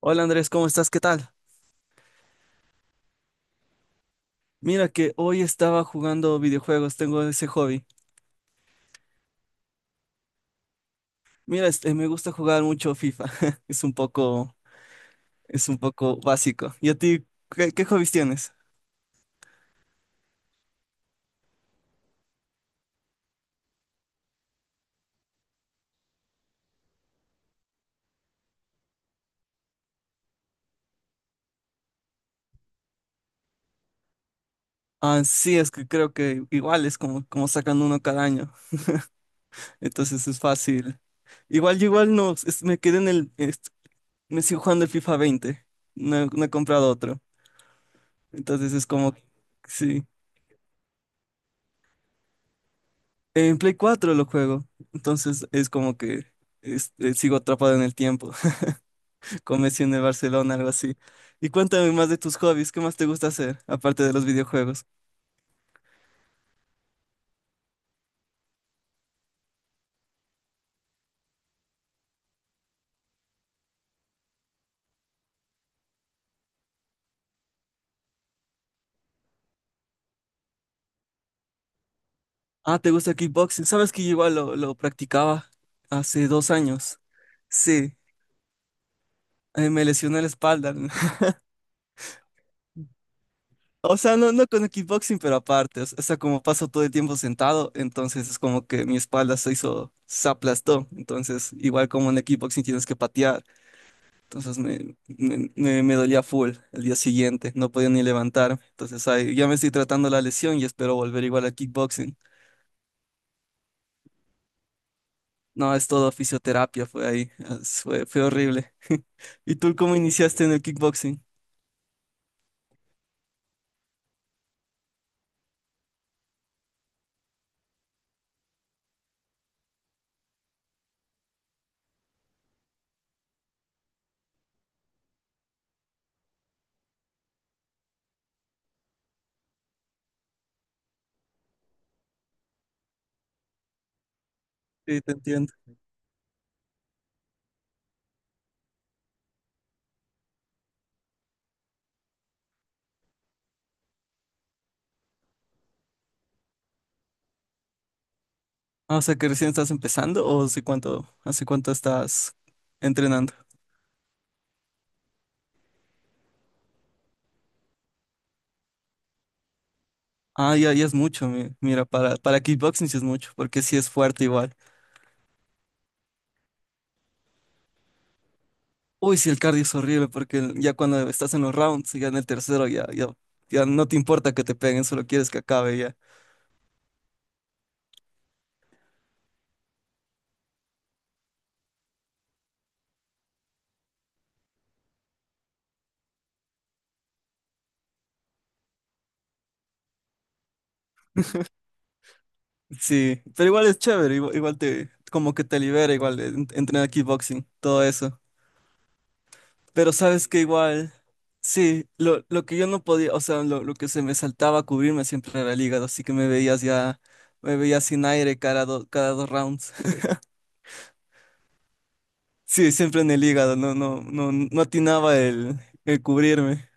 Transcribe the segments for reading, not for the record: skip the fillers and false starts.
Hola Andrés, ¿cómo estás? ¿Qué tal? Mira que hoy estaba jugando videojuegos, tengo ese hobby. Mira, este, me gusta jugar mucho FIFA. Es un poco, es un poco básico. ¿Y a ti qué hobbies tienes? Ah, sí, es que creo que igual es como, como sacan uno cada año. Entonces es fácil. Igual yo igual no, me quedé en el, me sigo jugando el FIFA 20. No, no he comprado otro. Entonces es como, sí. En Play 4 lo juego. Entonces es como que sigo atrapado en el tiempo, con Messi en el Barcelona, algo así. Y cuéntame más de tus hobbies, ¿qué más te gusta hacer, aparte de los videojuegos? Ah, ¿te gusta kickboxing? ¿Sabes que yo igual lo practicaba hace 2 años? Sí, me lesioné la espalda. O sea, no, no con el kickboxing, pero aparte, o sea, como paso todo el tiempo sentado, entonces es como que mi espalda se hizo, se aplastó. Entonces, igual como en el kickboxing tienes que patear. Entonces me dolía full el día siguiente, no podía ni levantarme. Entonces ahí ya me estoy tratando la lesión y espero volver igual a kickboxing. No, es todo fisioterapia, fue ahí, fue horrible. ¿Y tú cómo iniciaste en el kickboxing? Sí, te entiendo. Ah, o sea que recién estás empezando, ¿o hace cuánto estás entrenando? Ah, ya, ya es mucho, mira, para kickboxing sí es mucho, porque sí es fuerte igual. Uy, sí, el cardio es horrible porque ya cuando estás en los rounds, ya en el tercero, ya no te importa que te peguen, solo quieres que acabe ya. Sí, pero igual es chévere, igual, como que te libera, igual entrenar kickboxing, todo eso. Pero sabes que igual, sí, lo que yo no podía, o sea, lo que se me saltaba a cubrirme siempre era el hígado, así que me veías ya, me veías sin aire cada 2 rounds. Sí, siempre en el hígado, no atinaba el cubrirme.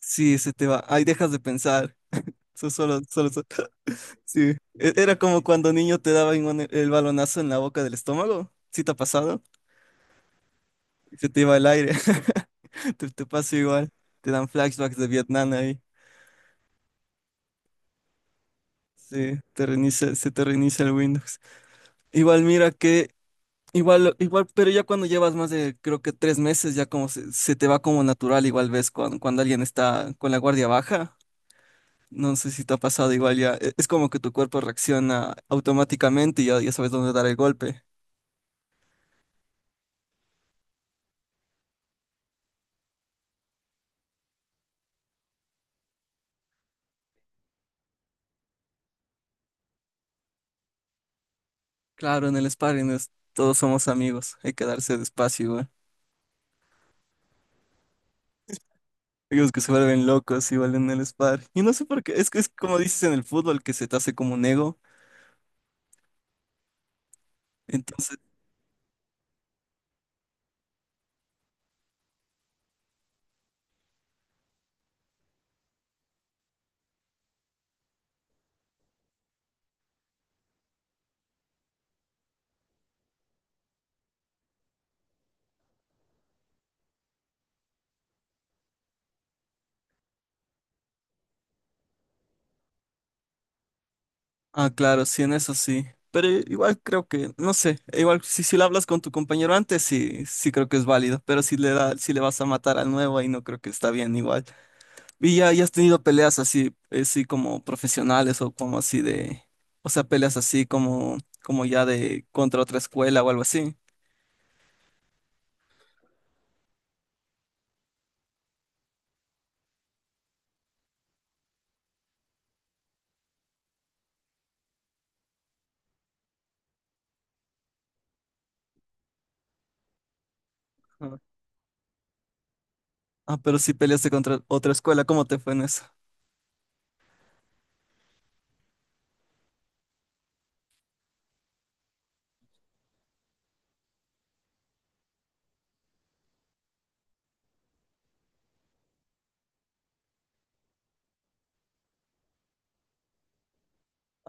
Sí, se te va, ahí dejas de pensar. Solo. Sí. Era como cuando niño te daban el balonazo en la boca del estómago. ¿Sí te ha pasado? Y se te iba el aire. Te pasa igual. Te dan flashbacks de Vietnam ahí. Sí, te reinicia, se te reinicia el Windows. Igual, mira que, igual, pero ya cuando llevas más de, creo que 3 meses, ya como se te va como natural, igual ves cuando alguien está con la guardia baja. No sé si te ha pasado igual ya. Es como que tu cuerpo reacciona automáticamente y ya, ya sabes dónde dar el golpe. Claro, en el sparring todos somos amigos, hay que darse despacio igual. Amigos que se vuelven locos igual en el sparring. Y no sé por qué, es que es como dices en el fútbol, que se te hace como un ego. Entonces, ah, claro, sí, en eso sí. Pero igual creo que, no sé, igual si lo hablas con tu compañero antes, sí, sí creo que es válido. Pero si le da, si le vas a matar al nuevo, ahí no creo que está bien igual. Y ya, ya has tenido peleas así, sí, como profesionales o como así de, o sea, peleas así como ya de contra otra escuela o algo así. Ah, ah, pero si peleaste contra otra escuela, ¿cómo te fue en eso?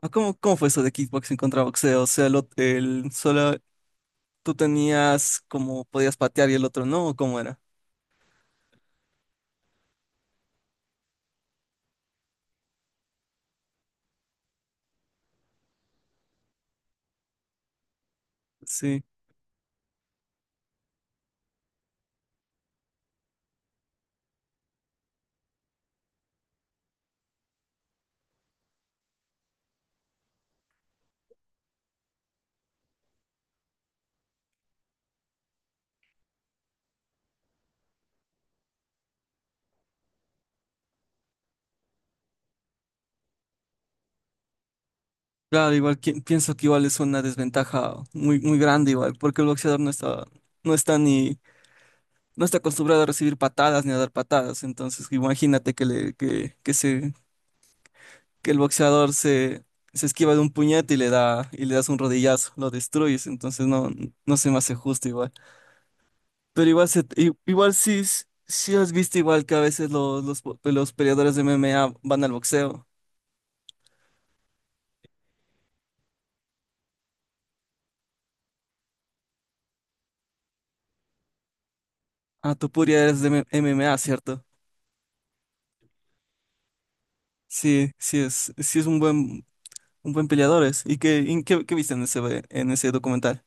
Ah, ¿cómo fue eso de kickboxing contra boxeo? O sea, el solo tú tenías, como podías patear y el otro no, ¿o ¿cómo era? Sí, claro, igual pienso que igual es una desventaja muy, muy grande igual, porque el boxeador no está, no está ni, no está acostumbrado a recibir patadas ni a dar patadas. Entonces, imagínate que le, que se, que el boxeador se esquiva de un puñete y le da, y le das un rodillazo, lo destruyes, entonces no, no se me hace justo igual. Pero igual, igual sí, sí has visto igual que a veces los peleadores de MMA van al boxeo. Ah, tú Puria eres de MMA, ¿cierto? Sí, sí es un buen peleador. Es. ¿Y qué viste en ese documental?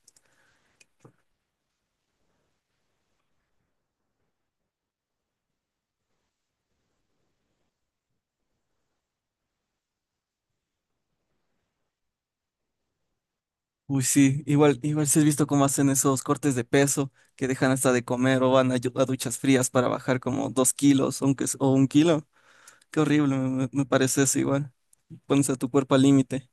Uy, sí, igual, sí has visto cómo hacen esos cortes de peso que dejan hasta de comer o van a duchas frías para bajar como 2 kilos, aunque, o 1 kilo. Qué horrible, me parece eso igual. Pones a tu cuerpo al límite.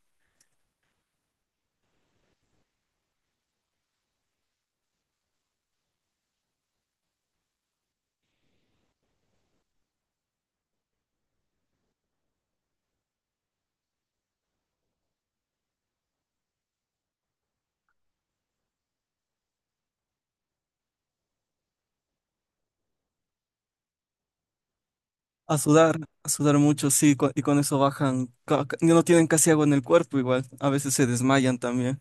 A sudar mucho, sí, y con eso bajan, no tienen casi agua en el cuerpo igual, a veces se desmayan también.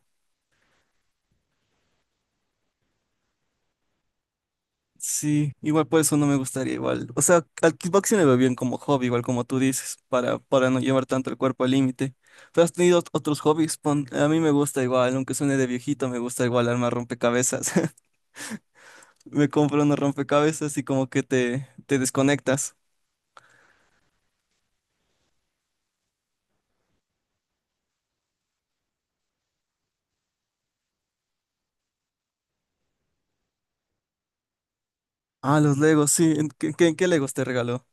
Sí, igual por eso no me gustaría igual. O sea, al kickboxing le veo bien como hobby, igual como tú dices, para no llevar tanto el cuerpo al límite. Pero has tenido otros hobbies. A mí me gusta igual, aunque suene de viejito, me gusta igual armar rompecabezas. Me compro unos rompecabezas y como que te desconectas. Ah, los Legos, sí. ¿Qué Legos te regaló?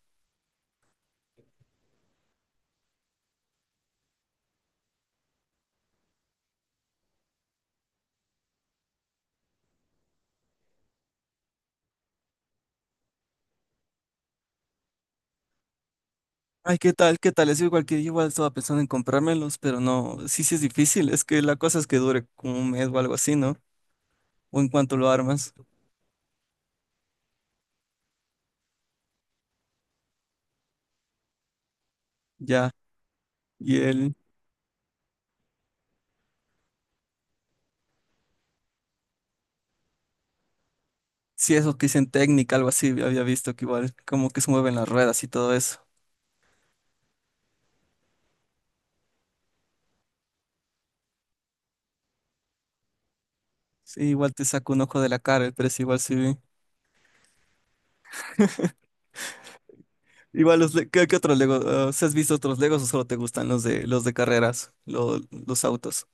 Ay, ¿qué tal? ¿Qué tal? Es igual que yo, igual estaba pensando en comprármelos, pero no, sí, sí es difícil. Es que la cosa es que dure como un mes o algo así, ¿no? O en cuanto lo armas, ya. Y él, sí, eso que dicen técnica, algo así, había visto que igual, como que se mueven las ruedas y todo eso. Sí, igual te saca un ojo de la cara, pero es igual sí. Igual ¿qué otros Legos? ¿sí has visto otros Legos, o solo te gustan los de carreras, los autos?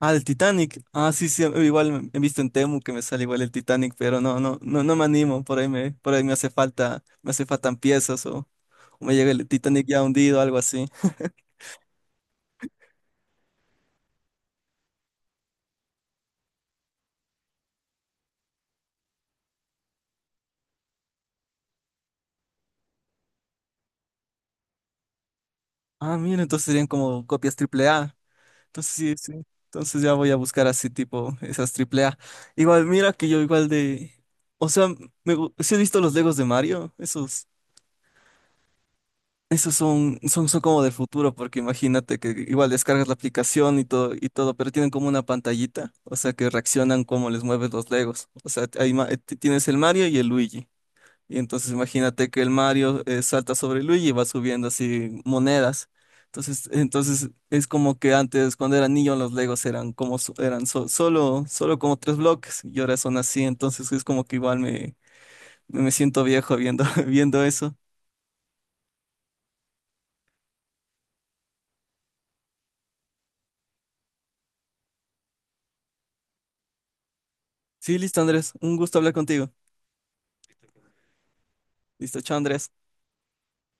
Ah, el Titanic. Ah, sí, sí, igual he visto en Temu que me sale igual el Titanic, pero no me animo. Por ahí me hace falta, me hace faltan piezas, o me llega el Titanic ya hundido, algo así. Ah, mira, entonces serían como copias triple A. Entonces sí, sí. Entonces ya voy a buscar así tipo esas triple A. Igual, mira que yo igual o sea, sí he visto los Legos de Mario, esos. Esos son como del futuro, porque imagínate que igual descargas la aplicación y todo, pero tienen como una pantallita, o sea, que reaccionan como les mueves los Legos. O sea, tienes el Mario y el Luigi. Y entonces imagínate que el Mario, salta sobre el Luigi y va subiendo así monedas. Entonces, es como que antes, cuando era niño, los Legos eran como solo como tres bloques, y ahora son así. Entonces es como que igual me siento viejo viendo, viendo eso. Sí, listo, Andrés, un gusto hablar contigo. Listo, chao, Andrés.